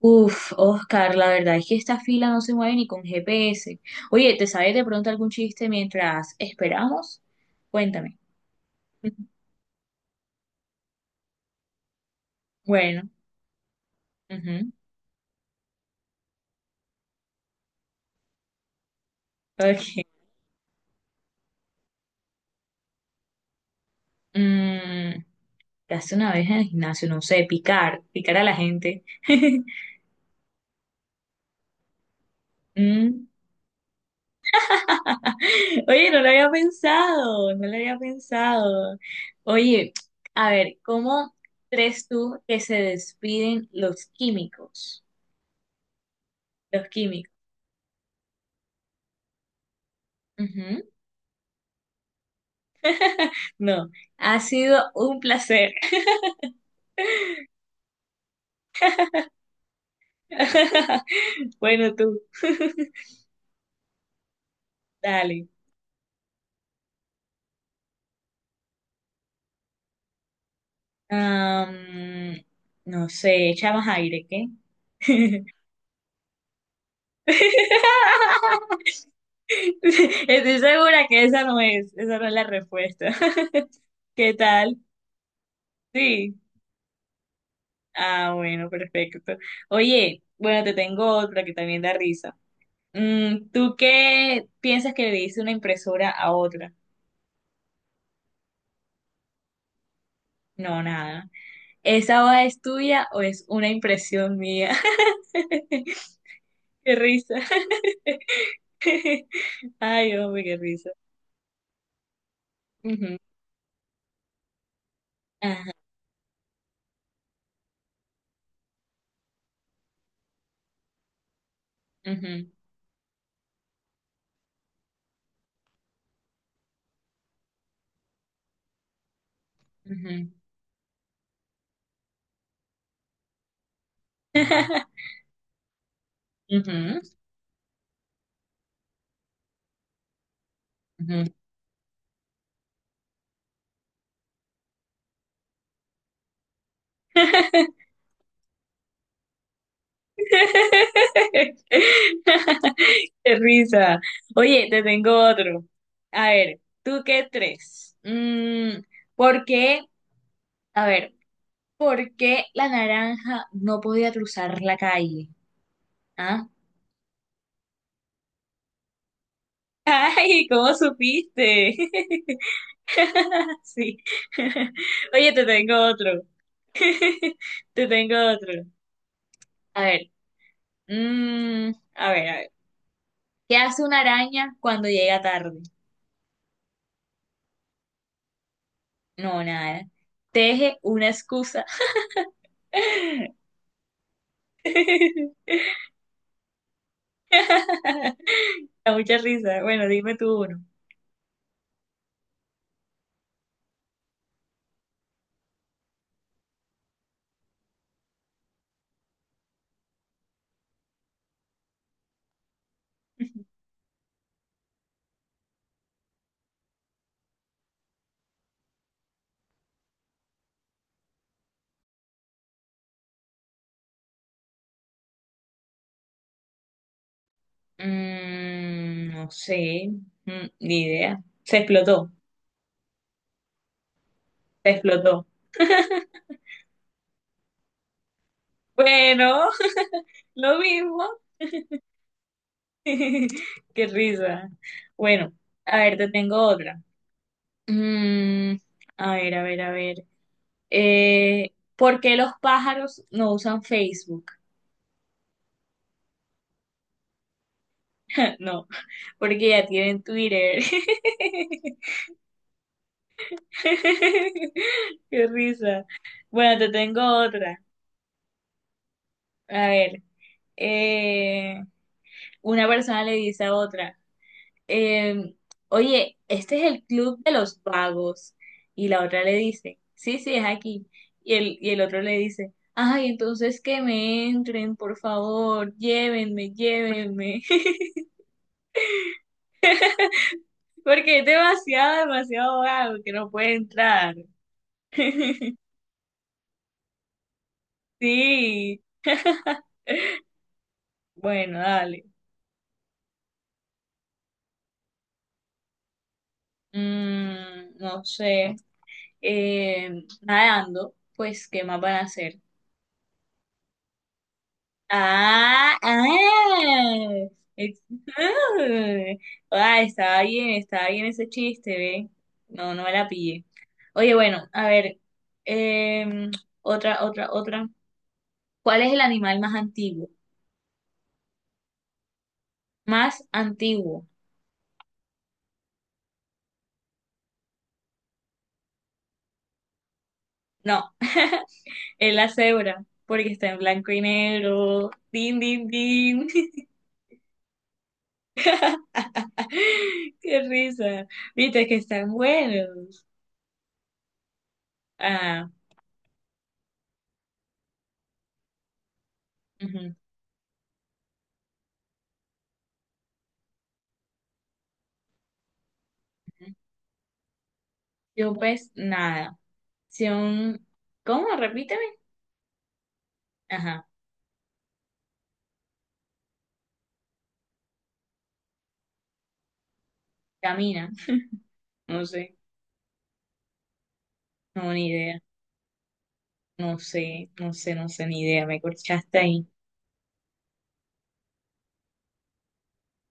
Uf, Oscar, la verdad es que esta fila no se mueve ni con GPS. Oye, ¿te sabes de pronto algún chiste mientras esperamos? Cuéntame. Bueno, ujú, ok. Mm, ¿Qué hace una vez en el gimnasio? No sé, picar, picar a la gente. Mm, Oye, no lo había pensado, no lo había pensado. Oye, a ver, ¿cómo crees tú que se despiden los químicos? Los químicos. No, ha sido un placer. Bueno, tú, dale. Am, no sé, echamos aire, ¿qué? Estoy segura que esa no es la respuesta. ¿Qué tal? Sí. Ah, bueno, perfecto. Oye, bueno, te tengo otra que también da risa. ¿Tú qué piensas que le dice una impresora a otra? No, nada. ¿Esa hoja es tuya o es una impresión mía? Qué risa. Ay, hombre, qué risa. Ujú, ajá, ujú, ujú. Ujú, ujú. Qué risa. Oye, te tengo otro. A ver, ¿tú qué tres? ¿Por qué? A ver, ¿por qué la naranja no podía cruzar la calle? ¿Ah? Ay, ¿cómo supiste? Sí. Oye, te tengo otro. Te tengo otro. A ver. A ver, a ver. ¿Qué hace una araña cuando llega tarde? No, nada. Teje una excusa. Da mucha risa. Bueno, dime tú uno. No sé. Ni idea. Se explotó. Se explotó. Bueno, lo mismo. Qué risa. Bueno, a ver, te tengo otra. Mm, a ver, a ver, a ver. Eh, ¿Por qué los pájaros no usan Facebook? No, porque ya tienen Twitter. Qué risa. Bueno, te tengo otra. A ver. eh, una persona le dice a otra. eh, oye, este es el club de los vagos. Y la otra le dice, sí, sí, es aquí. Y el otro le dice, ay, entonces que me entren, por favor, llévenme, llévenme. Porque es demasiado, demasiado vago que no puede entrar. Sí, bueno, dale. No sé. Nadando, pues, ¿qué más van a hacer? Ah, ah, ex- ah. Ah, estaba bien ese chiste, ve. No, no me la pillé. Oye, bueno, a ver, em, otra, otra, otra. ¿Cuál es el animal más antiguo? Más antiguo. No, es la cebra, porque está en blanco y negro. Din, din, din. Qué risa. Viste que están buenos. Ah, ujú, ujú. Yo pues nada. Sion, ¿cómo? Repíteme. Ajá, camina. No sé, no, ni idea. No sé, no sé, no sé, ni idea. Me corchaste ahí.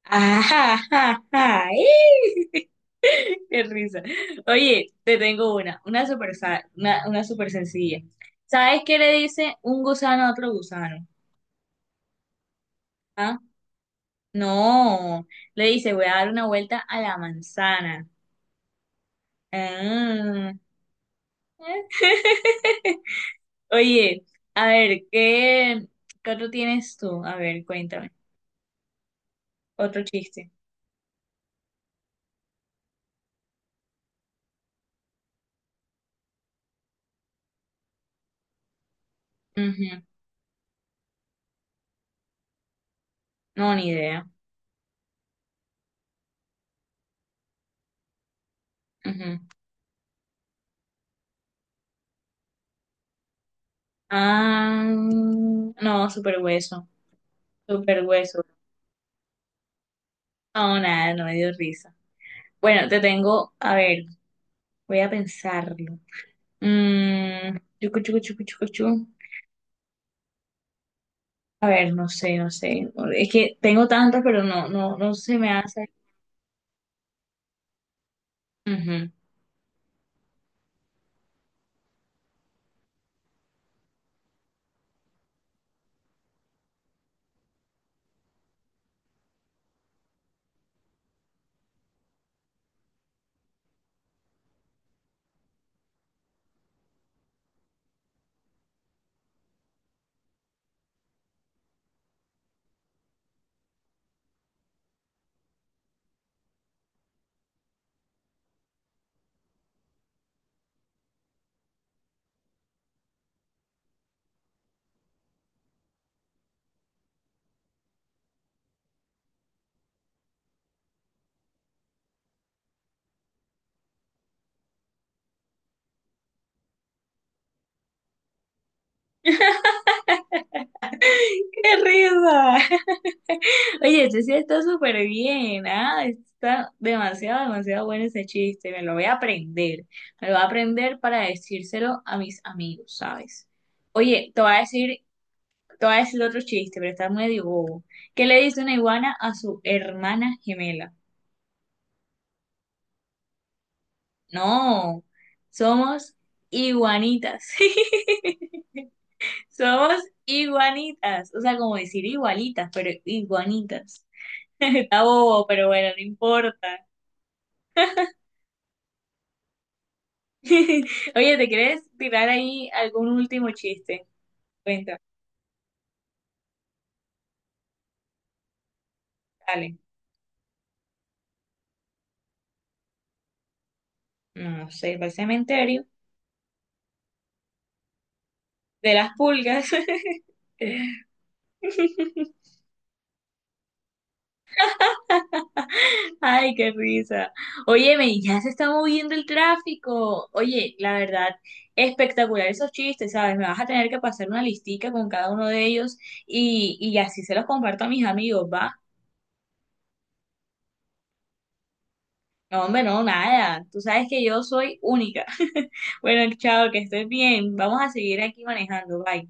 Ajá, ajá, ajá. ¡eh! Qué risa. Oye, te tengo una super sencilla. ¿Sabes qué le dice un gusano a otro gusano? ¿Ah? No, le dice, voy a dar una vuelta a la manzana. Ah. Oye, a ver, ¿qué otro tienes tú? A ver, cuéntame. Otro chiste. Ujú. No, ni idea. Ujú. Ah, no, super hueso. Super hueso. No, nada, no me dio risa. Bueno, te tengo, a ver, voy a pensarlo. Chucu, chucu, chucu, chucu, chu. A ver, no sé, no sé. Es que tengo tantos, pero no se me hace. Ujú. ¡Qué risa! Oye, ese sí está súper bien, ¿ah? Está demasiado, demasiado bueno ese chiste. Me lo voy a aprender. Me lo voy a aprender para decírselo a mis amigos, ¿sabes? Oye, te voy a decir otro chiste, pero está medio bobo. ¿Qué le dice una iguana a su hermana gemela? No, somos iguanitas. Somos iguanitas. O sea, como decir igualitas, pero iguanitas. Acabó, pero bueno, no importa. Oye, ¿te quieres tirar ahí algún último chiste? Cuenta, dale. No sé, para el cementerio. De las pulgas. Ay, qué risa. Óyeme, ya se está moviendo el tráfico. Oye, la verdad, espectacular esos chistes, ¿sabes? Me vas a tener que pasar una listica con cada uno de ellos y así se los comparto a mis amigos, ¿va? No, hombre, no, nada. Tú sabes que yo soy única. Bueno, chao, que estés bien. Vamos a seguir aquí manejando. Bye.